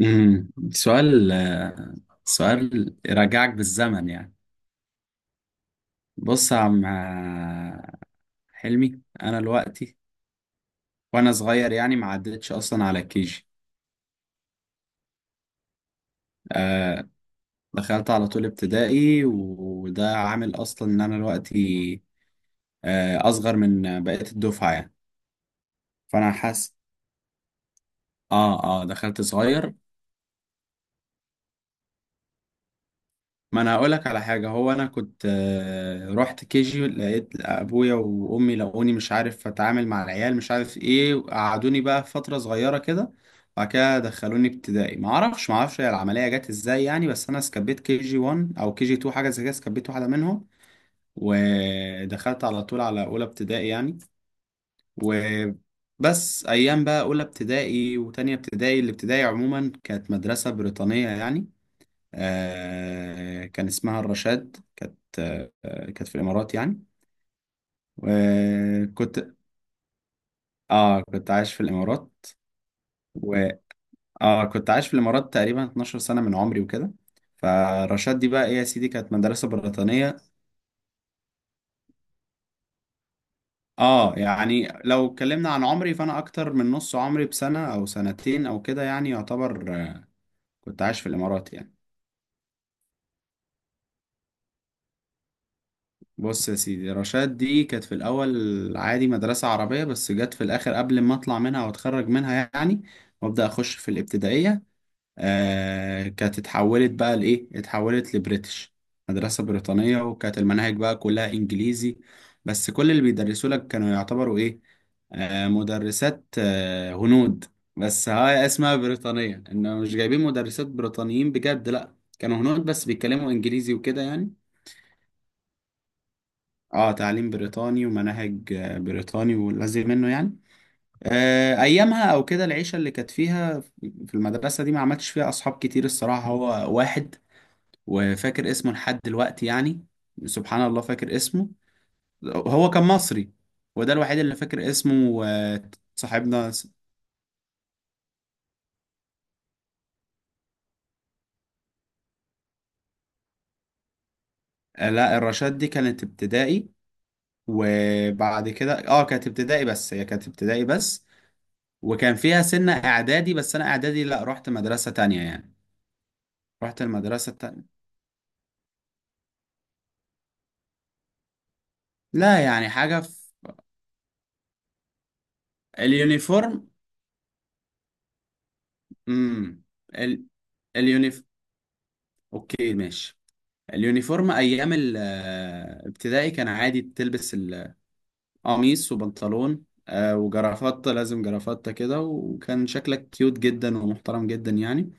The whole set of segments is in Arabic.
سؤال. سؤال يرجعك بالزمن يعني. بص يا عم، حلمي انا دلوقتي وانا صغير يعني ما عدتش اصلا على كيجي. آه، دخلت على طول ابتدائي وده عامل اصلا ان انا دلوقتي اصغر من بقية الدفعة يعني. فانا حاسس، اه دخلت صغير. ما انا هقولك على حاجه، هو انا كنت رحت كيجي لقيت ابويا وامي لقوني مش عارف اتعامل مع العيال مش عارف ايه، قعدوني بقى فتره صغيره كده. وبعد كده دخلوني ابتدائي، ما اعرفش هي العمليه جت ازاي يعني، بس انا سكبيت كي جي 1 او كي جي 2 حاجه زي كده، سكبيت واحده منهم. ودخلت على طول على اولى ابتدائي يعني. وبس ايام بقى اولى ابتدائي وتانية ابتدائي، الابتدائي عموما كانت مدرسه بريطانيه يعني. كان اسمها الرشاد، كانت كانت في الامارات يعني. وكنت، اه كنت عايش في الامارات و اه كنت عايش في الامارات تقريبا 12 سنه من عمري وكده. فرشاد دي بقى ايه يا سيدي، كانت مدرسه بريطانيه. اه يعني لو اتكلمنا عن عمري فانا اكتر من نص عمري بسنه او سنتين او كده، يعني يعتبر كنت عايش في الامارات يعني. بص يا سيدي، رشاد دي كانت في الأول عادي مدرسة عربية، بس جت في الآخر قبل ما أطلع منها وأتخرج منها يعني وأبدأ أخش في الابتدائية، آه كانت اتحولت بقى لإيه؟ اتحولت لبريتش، مدرسة بريطانية، وكانت المناهج بقى كلها إنجليزي. بس كل اللي بيدرسوا لك كانوا يعتبروا إيه؟ آه مدرسات، هنود. بس هاي اسمها بريطانية، إنه مش جايبين مدرسات بريطانيين بجد، لأ كانوا هنود بس بيتكلموا إنجليزي وكده يعني. اه تعليم بريطاني ومناهج بريطاني واللازم منه يعني. آه، ايامها او كده، العيشه اللي كانت فيها في المدرسه دي ما عملتش فيها اصحاب كتير الصراحه، هو واحد وفاكر اسمه لحد دلوقتي يعني، سبحان الله فاكر اسمه. هو كان مصري، وده الوحيد اللي فاكر اسمه. آه، صاحبنا آه، لا الرشاد دي كانت ابتدائي وبعد كده، اه كانت ابتدائي بس، هي كانت ابتدائي بس. وكان فيها سنة اعدادي بس انا اعدادي لا رحت مدرسة تانية يعني، رحت المدرسة التانية. لا يعني حاجة في اليونيفورم. امم ال... اليونيف اوكي ماشي. اليونيفورم ايام الابتدائي كان عادي، تلبس القميص وبنطلون وجرافطة، لازم جرافطة كده، وكان شكلك كيوت جدا ومحترم جدا يعني.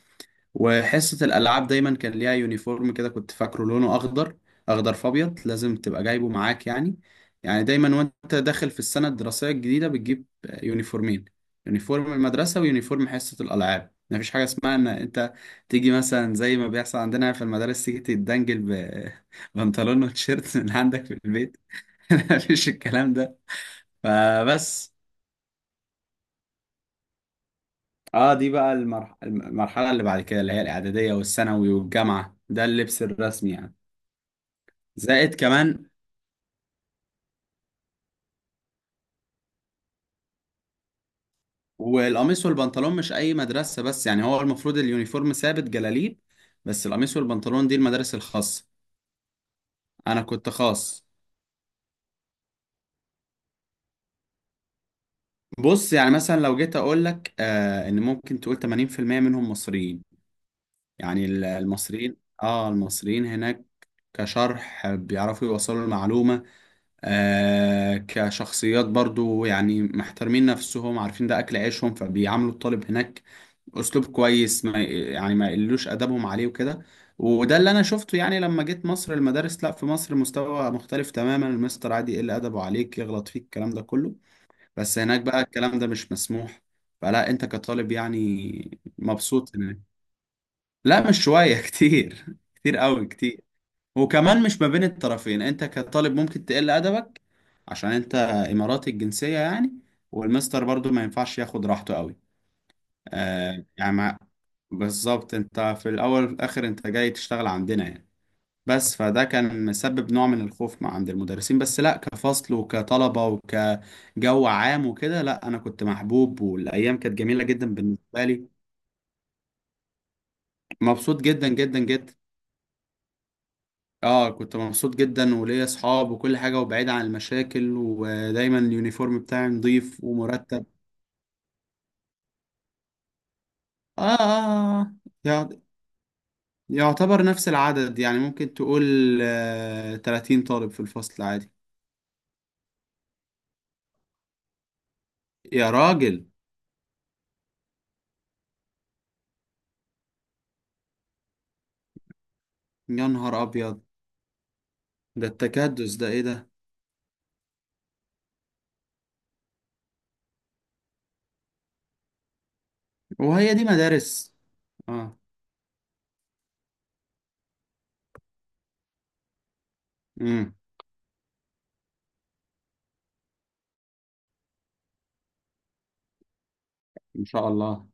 وحصة الألعاب دايما كان ليها يونيفورم كده، كنت فاكره لونه أخضر، أخضر فأبيض، لازم تبقى جايبه معاك يعني. يعني دايما وأنت داخل في السنة الدراسية الجديدة بتجيب يونيفورمين، يونيفورم المدرسة ويونيفورم حصة الألعاب. مفيش حاجة اسمها إن أنت تيجي مثلا زي ما بيحصل عندنا في المدارس، تيجي تتدنجل ببنطلون وتيشيرت من عندك في البيت. مفيش الكلام ده فبس. اه دي بقى المرحلة اللي بعد كده، اللي هي الإعدادية والثانوي والجامعة، ده اللبس الرسمي يعني. زائد كمان والقميص والبنطلون، مش اي مدرسة بس يعني، هو المفروض اليونيفورم ثابت جلاليب، بس القميص والبنطلون دي المدارس الخاصة. انا كنت خاص. بص يعني مثلا لو جيت اقول لك آه ان ممكن تقول 80% منهم مصريين يعني، المصريين، اه المصريين هناك كشرح بيعرفوا يوصلوا المعلومة، آه كشخصيات برضو يعني محترمين نفسهم، عارفين ده أكل عيشهم، فبيعاملوا الطالب هناك أسلوب كويس، ما يعني ما يقلوش أدبهم عليه وكده. وده اللي أنا شفته يعني، لما جيت مصر المدارس، لا في مصر مستوى مختلف تماما، المستر عادي يقل أدبه عليك، يغلط فيك، الكلام ده كله. بس هناك بقى الكلام ده مش مسموح، فلا أنت كطالب يعني مبسوط هناك. لا مش شوية كتير، كتير قوي كتير. وكمان مش ما بين الطرفين، انت كطالب ممكن تقل ادبك عشان انت اماراتي الجنسية يعني، والمستر برضو ما ينفعش ياخد راحته قوي. آه يعني بالظبط، انت في الاول وفي الاخر انت جاي تشتغل عندنا يعني. بس فده كان مسبب نوع من الخوف مع عند المدرسين، بس لا كفصل وكطلبة وكجو عام وكده لا، انا كنت محبوب والايام كانت جميلة جدا بالنسبة لي. مبسوط جدا جدا جدا. اه كنت مبسوط جدا وليا اصحاب وكل حاجه، وبعيد عن المشاكل، ودايما اليونيفورم بتاعي نظيف ومرتب. اه اه، آه. آه. يع- يعتبر نفس العدد يعني، ممكن تقول آه 30 طالب في الفصل عادي. يا راجل، يا نهار ابيض، ده التكدس ده ايه ده! وهي دي مدارس! اه. امم. ان شاء الله.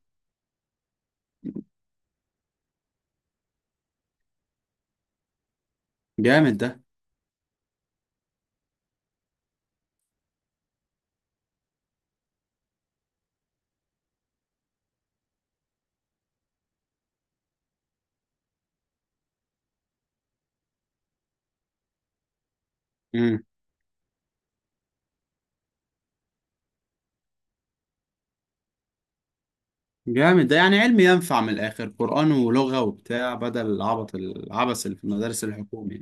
جامد ده. امم. جامد ده، يعني علم ينفع من الاخر، قرآن ولغة وبتاع، بدل العبط العبث اللي في المدارس الحكومية.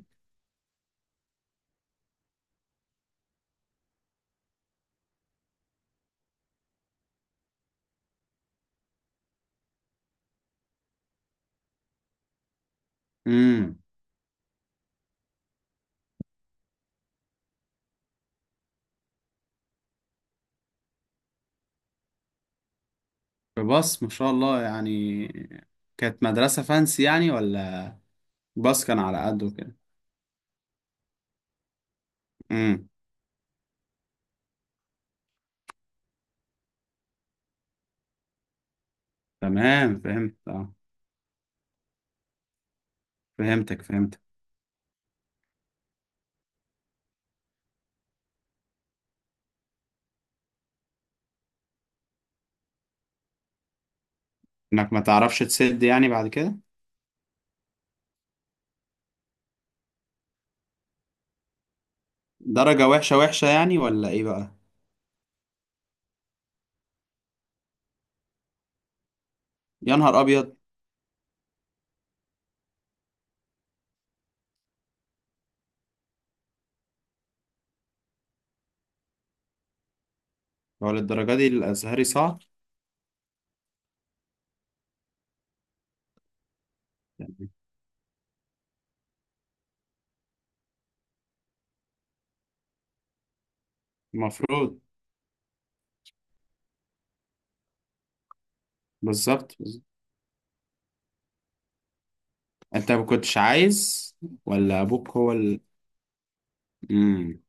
بس ما شاء الله يعني، كانت مدرسة فانسي يعني ولا؟ باص كان على قده كده. امم، تمام فهمت اه. فهمتك فهمتك. انك ما تعرفش تسد يعني بعد كده. درجة وحشة وحشة يعني ولا ايه بقى؟ يا نهار ابيض! هو للدرجة دي الازهري صعب؟ يعني المفروض. بالظبط بالظبط. انت ما كنتش عايز ولا ابوك هو ال، امم.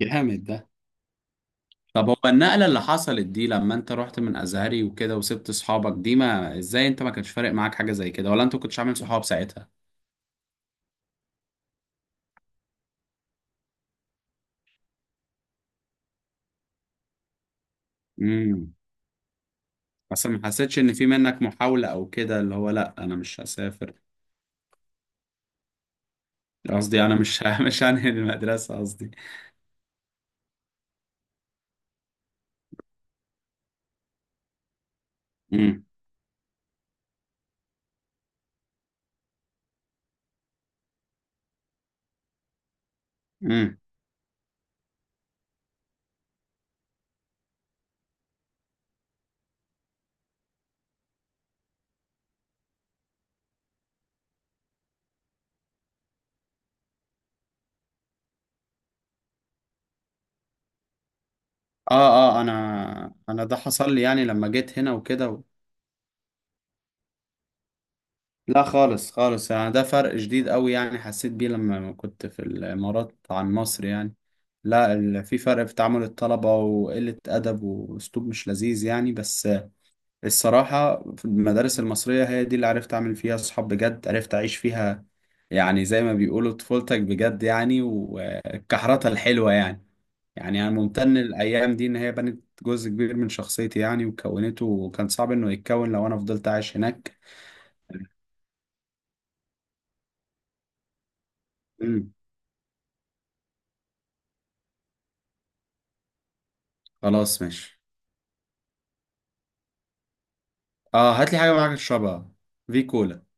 جامد ده. طب هو النقلة اللي حصلت دي لما انت رحت من ازهري وكده وسبت اصحابك دي، ما ازاي انت ما كانش فارق معاك حاجة زي كده ولا انت كنتش عامل صحاب ساعتها؟ امم. اصلا ما حسيتش ان في منك محاولة او كده اللي هو لا انا مش هسافر، قصدي انا مش ه- مش هنهي المدرسة قصدي. امم. امم. اه انا انا ده حصل لي يعني لما جيت هنا وكده. لا خالص خالص، انا ده فرق جديد قوي يعني حسيت بيه لما كنت في الامارات عن مصر يعني. لا في فرق في تعامل الطلبة وقلة أدب وأسلوب مش لذيذ يعني، بس الصراحة في المدارس المصرية هي دي اللي عرفت أعمل فيها صحاب بجد، عرفت أعيش فيها يعني، زي ما بيقولوا طفولتك بجد يعني وكحرتها الحلوة يعني. يعني أنا ممتن الأيام دي إن هي بنت جزء كبير من شخصيتي يعني وكونته، وكان صعب إنه يتكون لو أنا فضلت عايش هناك. أمم، خلاص ماشي. اه هات لي حاجه معاك تشربها، في كولا.